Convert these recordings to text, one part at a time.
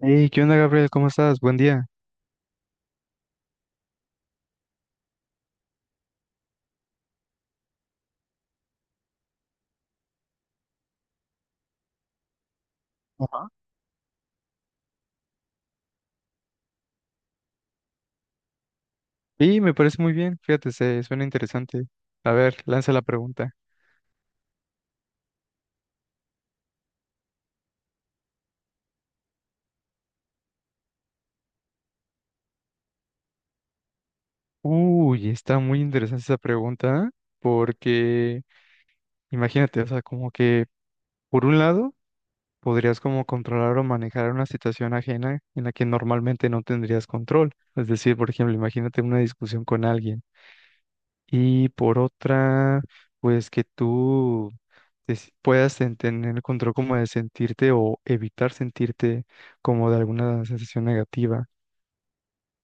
Hey, ¿qué onda, Gabriel? ¿Cómo estás? Buen día. Ajá. Sí, me parece muy bien, fíjate, se suena interesante. A ver, lanza la pregunta. Uy, está muy interesante esa pregunta porque imagínate, o sea, como que por un lado podrías como controlar o manejar una situación ajena en la que normalmente no tendrías control. Es decir, por ejemplo, imagínate una discusión con alguien. Y por otra, pues que tú puedas tener el control como de sentirte o evitar sentirte como de alguna sensación negativa.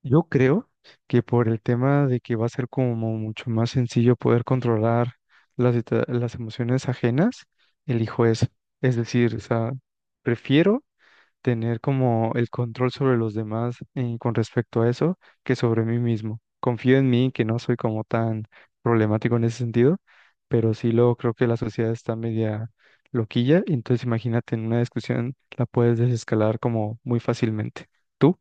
Yo creo que por el tema de que va a ser como mucho más sencillo poder controlar las emociones ajenas, elijo eso. Es decir, o sea, prefiero tener como el control sobre los demás con respecto a eso que sobre mí mismo. Confío en mí, que no soy como tan problemático en ese sentido, pero sí lo creo que la sociedad está media loquilla, y entonces imagínate en una discusión la puedes desescalar como muy fácilmente. ¿Tú?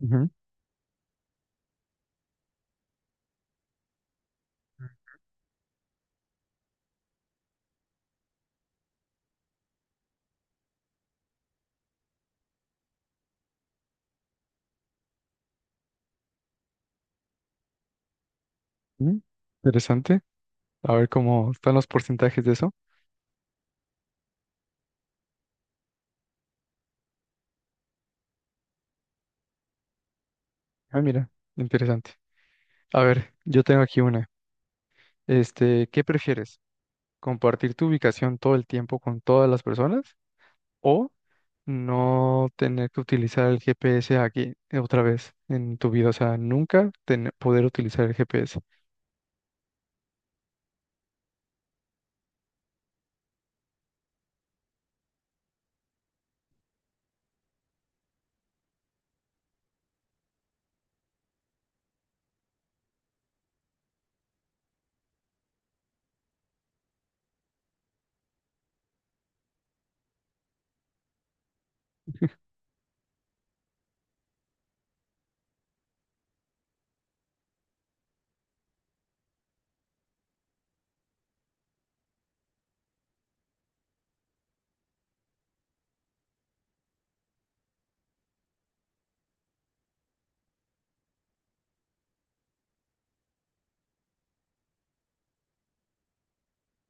Ujú, ujú. Interesante. A ver cómo están los porcentajes de eso. Ah, mira, interesante. A ver, yo tengo aquí una. Este, ¿qué prefieres? ¿Compartir tu ubicación todo el tiempo con todas las personas o no tener que utilizar el GPS aquí otra vez en tu vida, o sea, nunca tener, poder utilizar el GPS?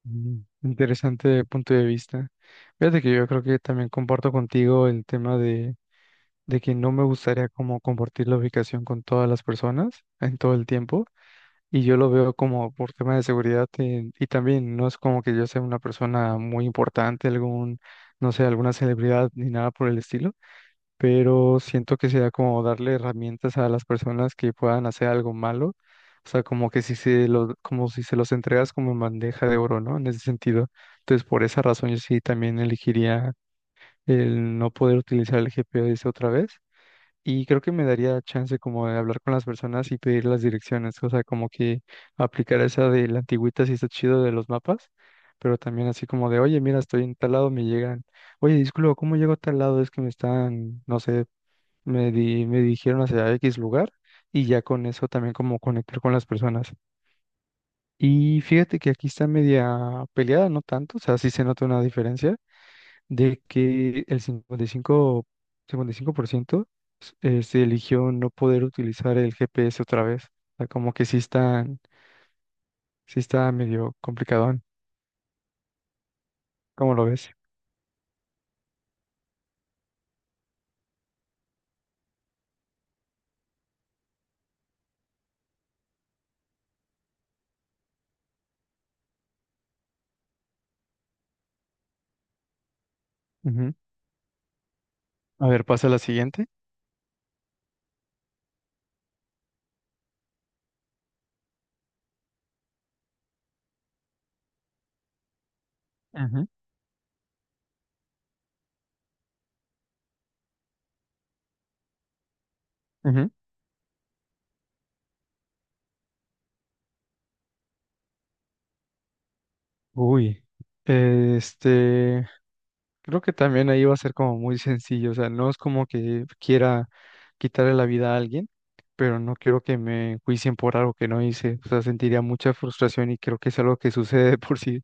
Mm. Interesante punto de vista. Fíjate que yo creo que también comparto contigo el tema de que no me gustaría como compartir la ubicación con todas las personas en todo el tiempo. Y yo lo veo como por tema de seguridad, y también no es como que yo sea una persona muy importante, algún, no sé, alguna celebridad ni nada por el estilo, pero siento que sería como darle herramientas a las personas que puedan hacer algo malo, o sea, como que si se lo como si se los entregas como en bandeja de oro, ¿no? En ese sentido. Entonces, por esa razón yo sí también elegiría el no poder utilizar el GPS otra vez y creo que me daría chance como de hablar con las personas y pedir las direcciones, o sea, como que aplicar esa de la antigüita si está chido de los mapas. Pero también así como de, oye, mira, estoy en tal lado, me llegan. Oye, disculpa, ¿cómo llego a tal lado? Es que me están, no sé, me dirigieron hacia X lugar y ya con eso también como conectar con las personas. Y fíjate que aquí está media peleada, no tanto, o sea, sí se nota una diferencia de que el 55, 55% se eligió no poder utilizar el GPS otra vez. O sea, como que sí están, sí está medio complicadón. ¿Cómo lo ves? Ujú. A ver, pasa a la siguiente. Ujú, ujú. Uy, este, creo que también ahí va a ser como muy sencillo, o sea, no es como que quiera quitarle la vida a alguien, pero no quiero que me juicien por algo que no hice, o sea, sentiría mucha frustración y creo que es algo que sucede de por sí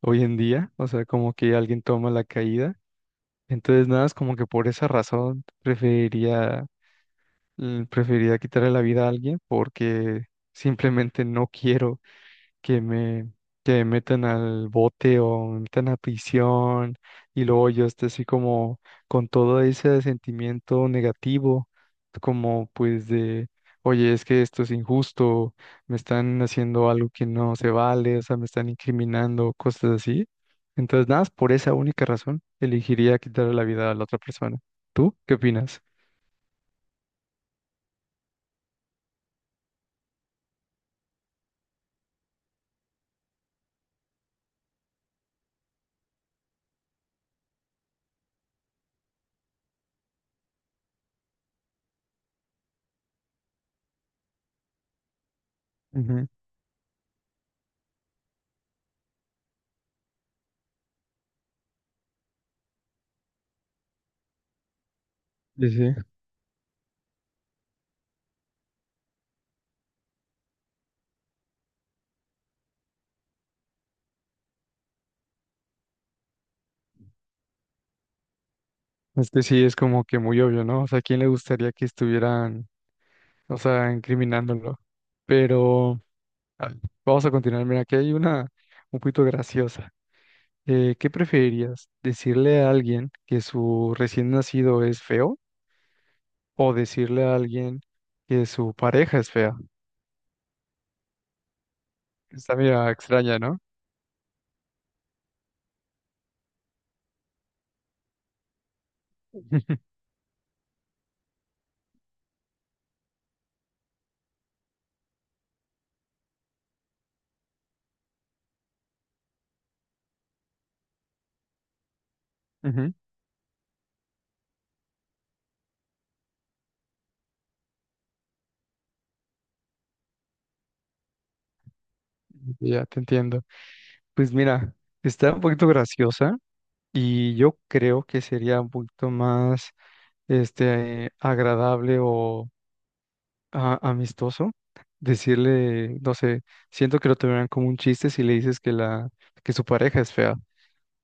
hoy en día, o sea, como que alguien toma la caída, entonces nada, es como que por esa razón preferiría, preferiría quitarle la vida a alguien porque simplemente no quiero que me, que me metan al bote o me metan a prisión y luego yo esté así como con todo ese sentimiento negativo, como pues de, oye, es que esto es injusto, me están haciendo algo que no se vale, o sea, me están incriminando, cosas así. Entonces, nada, más por esa única razón, elegiría quitarle la vida a la otra persona. ¿Tú qué opinas? Ujú. Sí, sí. Es que sí, es como que muy obvio, ¿no? O sea, ¿a quién le gustaría que estuvieran o sea, incriminándolo? Pero a ver, vamos a continuar. Mira, aquí hay una un poquito graciosa. ¿Qué preferirías? ¿Decirle a alguien que su recién nacido es feo o decirle a alguien que su pareja es fea? Está medio extraña, ¿no? Ujú. Ya te entiendo. Pues mira, está un poquito graciosa y yo creo que sería un poquito más este agradable o amistoso, decirle, no sé, siento que lo tomarán como un chiste si le dices que la que su pareja es fea,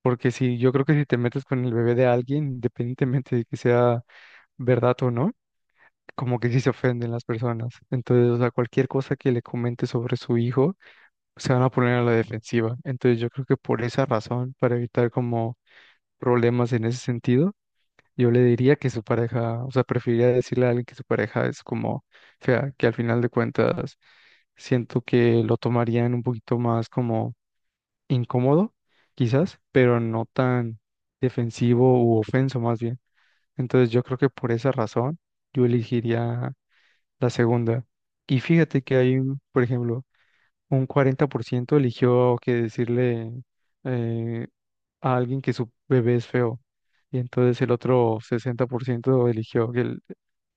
porque si yo creo que si te metes con el bebé de alguien, independientemente de que sea verdad o no, como que sí se ofenden las personas. Entonces, o sea, cualquier cosa que le comente sobre su hijo, se van a poner a la defensiva. Entonces, yo creo que por esa razón, para evitar como problemas en ese sentido, yo le diría que su pareja, o sea, preferiría decirle a alguien que su pareja es como fea, que al final de cuentas siento que lo tomarían un poquito más como incómodo, quizás, pero no tan defensivo u ofenso más bien. Entonces yo creo que por esa razón yo elegiría la segunda. Y fíjate que hay, por ejemplo, un 40% eligió que decirle eh, a alguien que su bebé es feo. Y entonces el otro 60% eligió que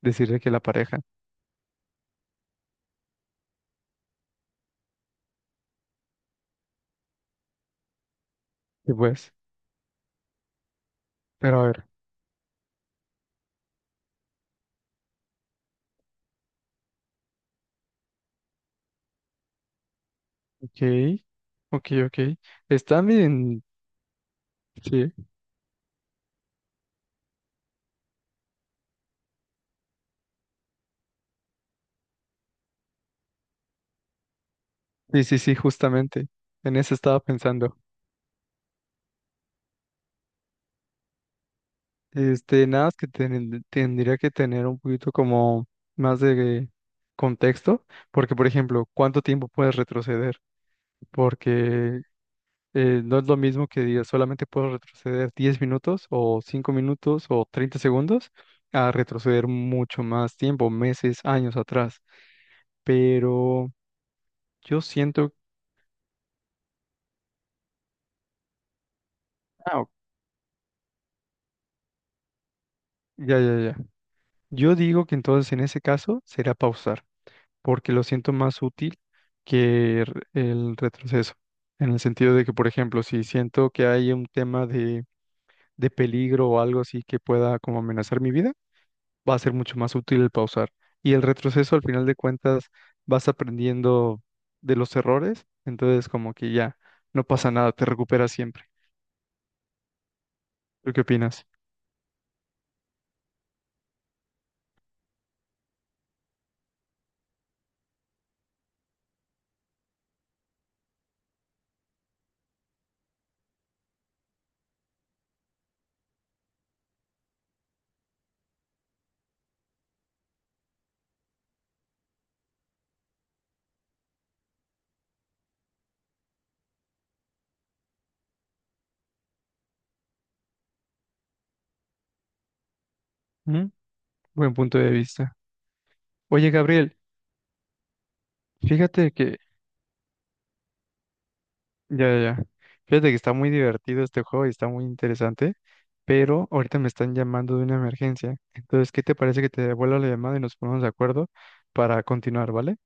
decirle que la pareja. Y pues, pero a ver, ok, ok, ok. Está bien, sí, sí, sí, sí, justamente. En eso estaba pensando. Este, nada más que tendría que tener un poquito como más de contexto, porque por ejemplo, ¿cuánto tiempo puedes retroceder? Porque no es lo mismo que diga solamente puedo retroceder 10 minutos o 5 minutos o 30 segundos a retroceder mucho más tiempo, meses, años atrás. Pero yo siento... Ah, ok, ya, ya, ya. Yo digo que entonces en ese caso será pausar, porque lo siento más útil que el retroceso. En el sentido de que, por ejemplo, si siento que hay un tema de peligro o algo así que pueda como amenazar mi vida, va a ser mucho más útil el pausar. Y el retroceso, al final de cuentas, vas aprendiendo de los errores, entonces como que ya no pasa nada, te recuperas siempre. ¿Tú qué opinas? Mm, Buen punto de vista. Oye, Gabriel, fíjate que, ya, ya, ya, fíjate que está muy divertido este juego y está muy interesante, pero ahorita me están llamando de una emergencia. Entonces, ¿qué te parece que te devuelva la llamada y nos ponemos de acuerdo para continuar, vale?